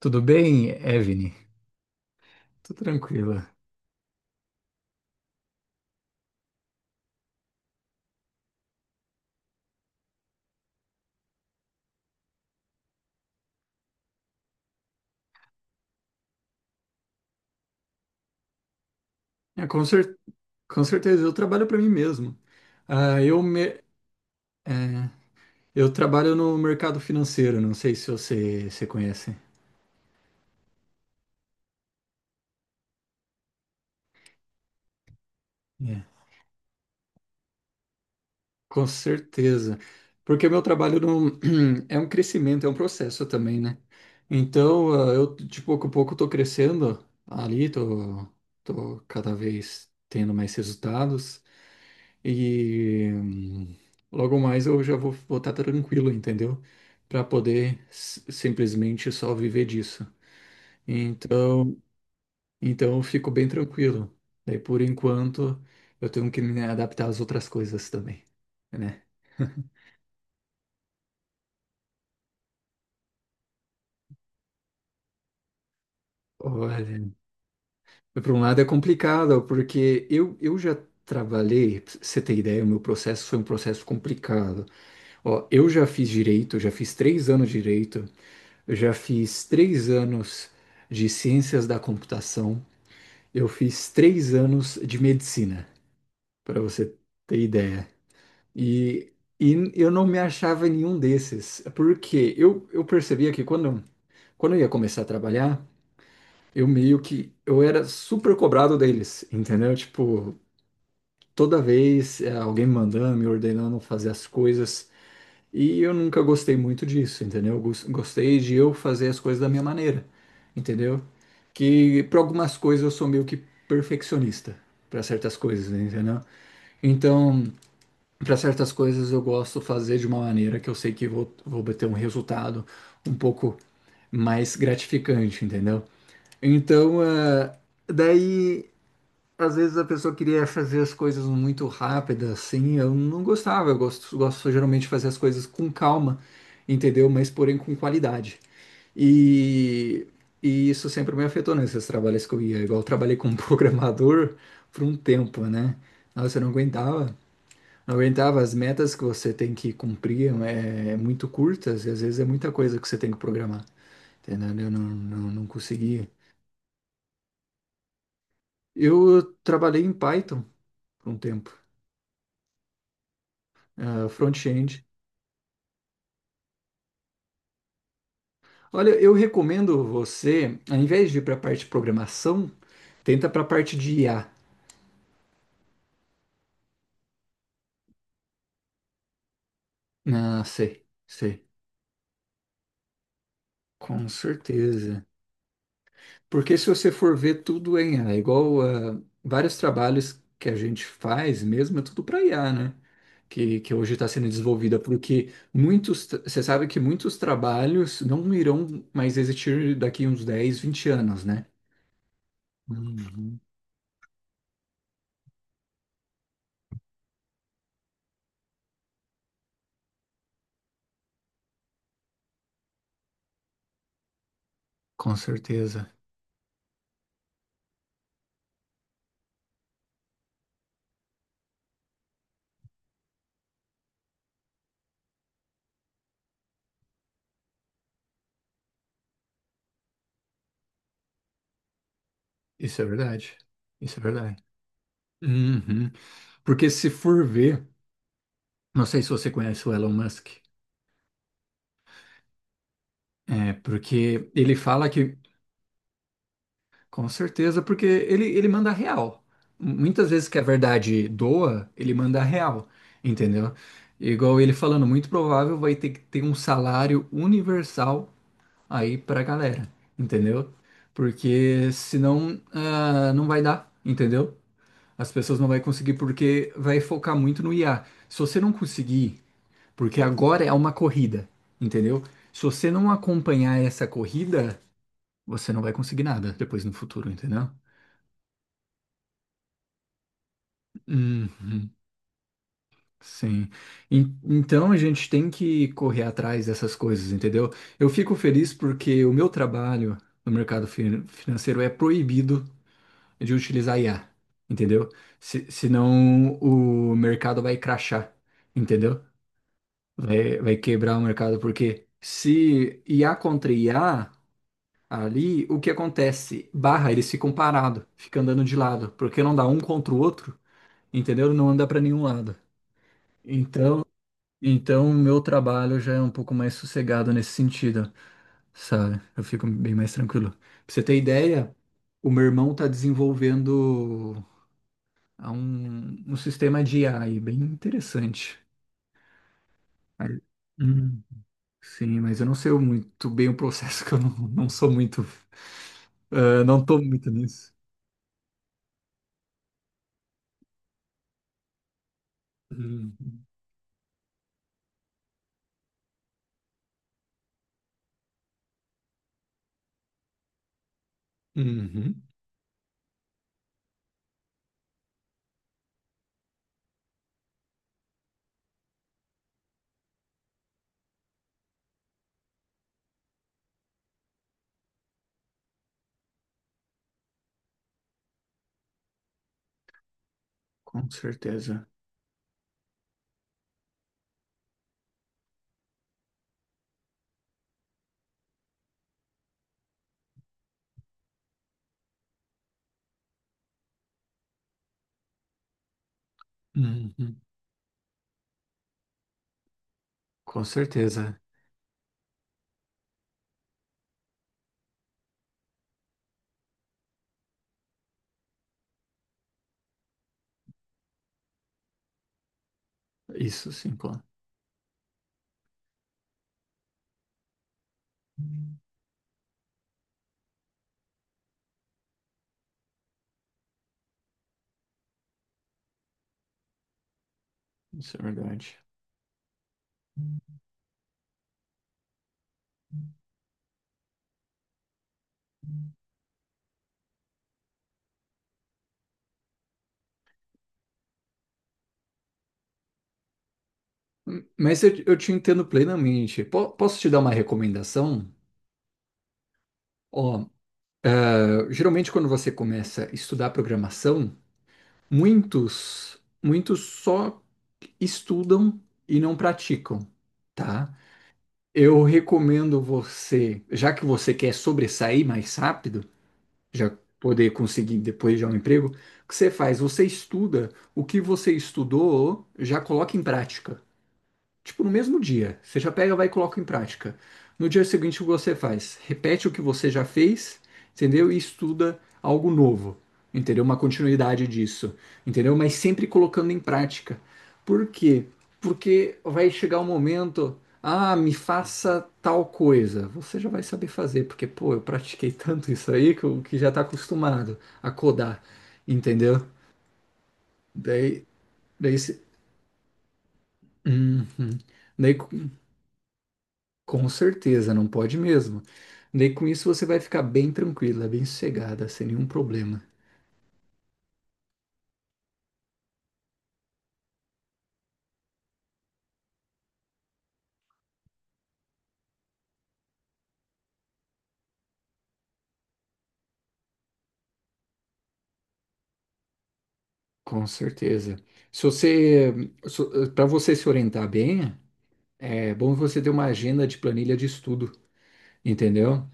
Tudo bem, Evne? Tô tranquila. É, com certeza, eu trabalho para mim mesmo. Ah, eu, me- é, eu trabalho no mercado financeiro, não sei se você conhece. É. Com certeza. Porque o meu trabalho não, é um crescimento, é um processo também, né? Então, eu de pouco a pouco tô crescendo ali, tô cada vez tendo mais resultados. E logo mais eu já vou estar tranquilo, entendeu? Para poder simplesmente só viver disso. Então, então, eu fico bem tranquilo. Daí por enquanto eu tenho que me adaptar às outras coisas também, né? Olha, por um lado é complicado, porque eu já trabalhei, pra você ter ideia, o meu processo foi um processo complicado. Ó, eu já fiz direito, já fiz 3 anos de direito. Eu já fiz 3 anos de ciências da computação, eu fiz 3 anos de medicina, para você ter ideia. E, e, eu não me achava em nenhum desses, porque eu percebia que quando eu ia começar a trabalhar, eu meio que eu era super cobrado deles, entendeu? Tipo, toda vez alguém me mandando, me ordenando fazer as coisas. E eu nunca gostei muito disso, entendeu? Gostei de eu fazer as coisas da minha maneira, entendeu? Que para algumas coisas eu sou meio que perfeccionista, para certas coisas, entendeu? Então, para certas coisas eu gosto fazer de uma maneira que eu sei que vou, vou obter um resultado um pouco mais gratificante, entendeu? Então, daí às vezes a pessoa queria fazer as coisas muito rápidas, assim, eu não gostava, eu gosto geralmente de fazer as coisas com calma, entendeu? Mas porém com qualidade. E, e, isso sempre me afetou nesses trabalhos que eu ia, igual eu trabalhei como programador por um tempo, né? Nossa, eu não aguentava, não aguentava, as metas que você tem que cumprir é, é muito curtas e às vezes é muita coisa que você tem que programar, entendeu? Eu não, não, não conseguia. Eu trabalhei em Python por um tempo, front-end. Olha, eu recomendo você, ao invés de ir para a parte de programação, tenta para a parte de IA. Ah, sei, sei, com certeza. Porque se você for ver tudo em IA, igual vários trabalhos que a gente faz mesmo, é tudo para IA, né? Que hoje está sendo desenvolvida, porque você sabe que muitos trabalhos não irão mais existir daqui uns 10, 20 anos, né? Uhum, com certeza. Isso é verdade. Isso é verdade. Uhum. Porque se for ver, não sei se você conhece o Elon Musk, é porque ele fala que, com certeza, porque ele manda real. Muitas vezes que a verdade doa, ele manda real, entendeu? Igual ele falando, muito provável vai ter que ter um salário universal aí pra galera, entendeu? Porque senão não vai dar, entendeu? As pessoas não vão conseguir porque vai focar muito no IA. Se você não conseguir Porque agora é uma corrida, entendeu? Se você não acompanhar essa corrida, você não vai conseguir nada depois no futuro, entendeu? Uhum, sim. Então a gente tem que correr atrás dessas coisas, entendeu? Eu fico feliz porque o meu trabalho no mercado fin- financeiro é proibido de utilizar IA, entendeu? Se, senão o mercado vai crashar, entendeu? Vai quebrar o mercado, porque se IA contra IA. Ali, o que acontece? Barra, eles ficam parados, ficam andando de lado, porque não dá um contra o outro, entendeu? Não anda para nenhum lado. Então, então, o meu trabalho já é um pouco mais sossegado nesse sentido, sabe? Eu fico bem mais tranquilo. Pra você ter ideia, o meu irmão tá desenvolvendo um sistema de AI bem interessante. Aí- Hum, sim, mas eu não sei muito bem o processo, que eu não, não sou muito, não tô muito nisso. Hum. Uhum. Com certeza. Uhum. Com certeza. Isso sim, pô. Isso é verdade. Mas eu te entendo plenamente. Posso te dar uma recomendação? Ó, geralmente quando você começa a estudar programação, muitos, muitos só estudam e não praticam, tá? Eu recomendo você, já que você quer sobressair mais rápido, já poder conseguir depois já um emprego, o que você faz? Você estuda o que você estudou, já coloca em prática. Tipo, no mesmo dia. Você já pega, vai e coloca em prática. No dia seguinte, o que você faz? Repete o que você já fez, entendeu? E estuda algo novo, entendeu? Uma continuidade disso, entendeu? Mas sempre colocando em prática. Por quê? Porque vai chegar um momento, ah, me faça tal coisa. Você já vai saber fazer, porque, pô, eu pratiquei tanto isso aí que, eu, que já tá acostumado a codar, entendeu? Daí, daí, Uhum. Daí, com certeza, não pode mesmo. Daí com isso você vai ficar bem tranquila, bem sossegada, sem nenhum problema. Com certeza. Se você, para você se orientar bem, é bom você ter uma agenda de planilha de estudo, entendeu?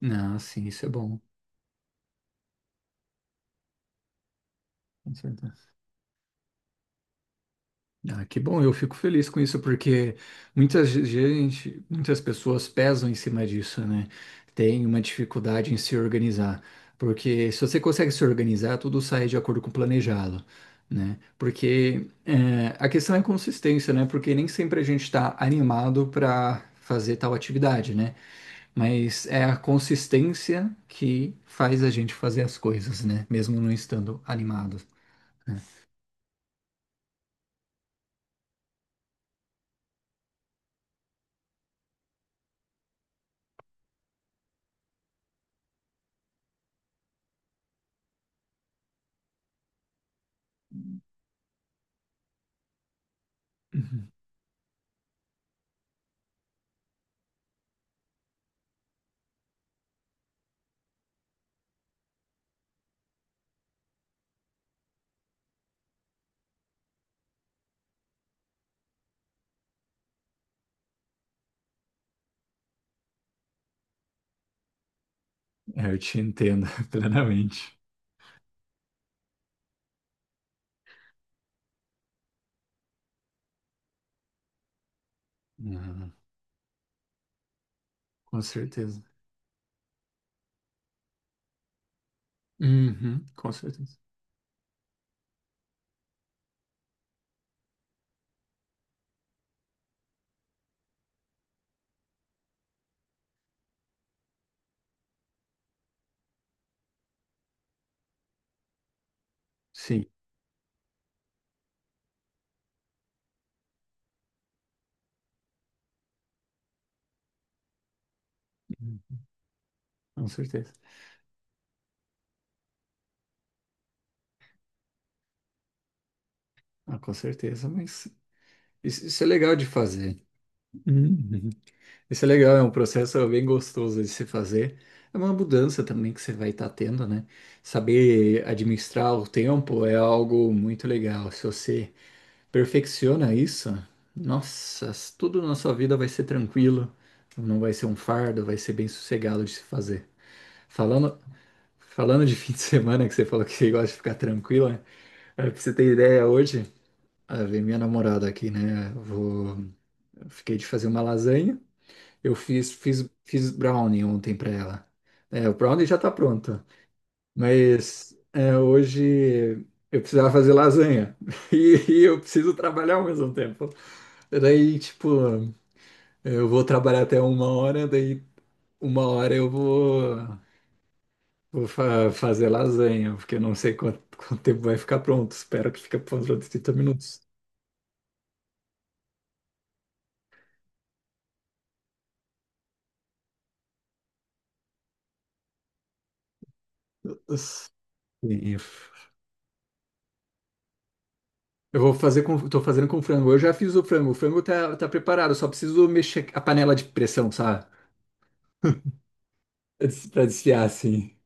Não, sim, isso é bom. Com certeza. Ah, que bom, eu fico feliz com isso, porque muita gente, muitas pessoas pesam em cima disso, né? Tem uma dificuldade em se organizar, porque se você consegue se organizar, tudo sai de acordo com o planejado, né? Porque é, a questão é consistência, né? Porque nem sempre a gente está animado para fazer tal atividade, né? Mas é a consistência que faz a gente fazer as coisas, né? Mesmo não estando animado. Né? Uhum. É, eu te entendo plenamente. Ah, com certeza. Uhum, com certeza. Sim. Uhum. Com certeza. Ah, com certeza, mas isso é legal de fazer. Uhum. Isso é legal, é um processo bem gostoso de se fazer. É uma mudança também que você vai estar tendo, né? Saber administrar o tempo é algo muito legal. Se você perfecciona isso, nossa, tudo na sua vida vai ser tranquilo, não vai ser um fardo, vai ser bem sossegado de se fazer. Falando, Falando de fim de semana, que você falou que gosta de ficar tranquila, é pra você ter ideia, hoje, vem minha namorada aqui, né? Eu fiquei de fazer uma lasanha. Eu fiz brownie ontem pra ela. É, o brownie já tá pronto, mas hoje eu precisava fazer lasanha e eu preciso trabalhar ao mesmo tempo. Daí, tipo, eu vou trabalhar até uma hora, daí uma hora eu vou. Vou fazer lasanha, porque eu não sei quanto tempo vai ficar pronto. Espero que fique pronto de 30 minutos. Sim. Eu vou fazer com, Tô fazendo com frango. Eu já fiz o frango. O frango tá preparado, eu só preciso mexer a panela de pressão, sabe? Pra desfiar, assim.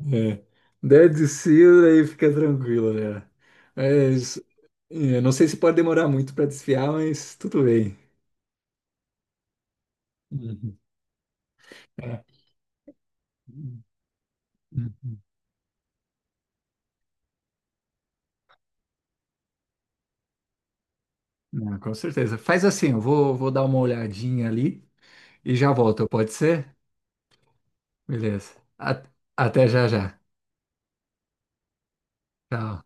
É. Daí desfio, aí fica tranquilo, né? Mas, é, não sei se pode demorar muito pra desfiar, mas tudo bem. Uhum. É. Uhum. Não, com certeza. Faz assim, eu vou dar uma olhadinha ali, e já volto, pode ser? Beleza. Até já já. Tchau.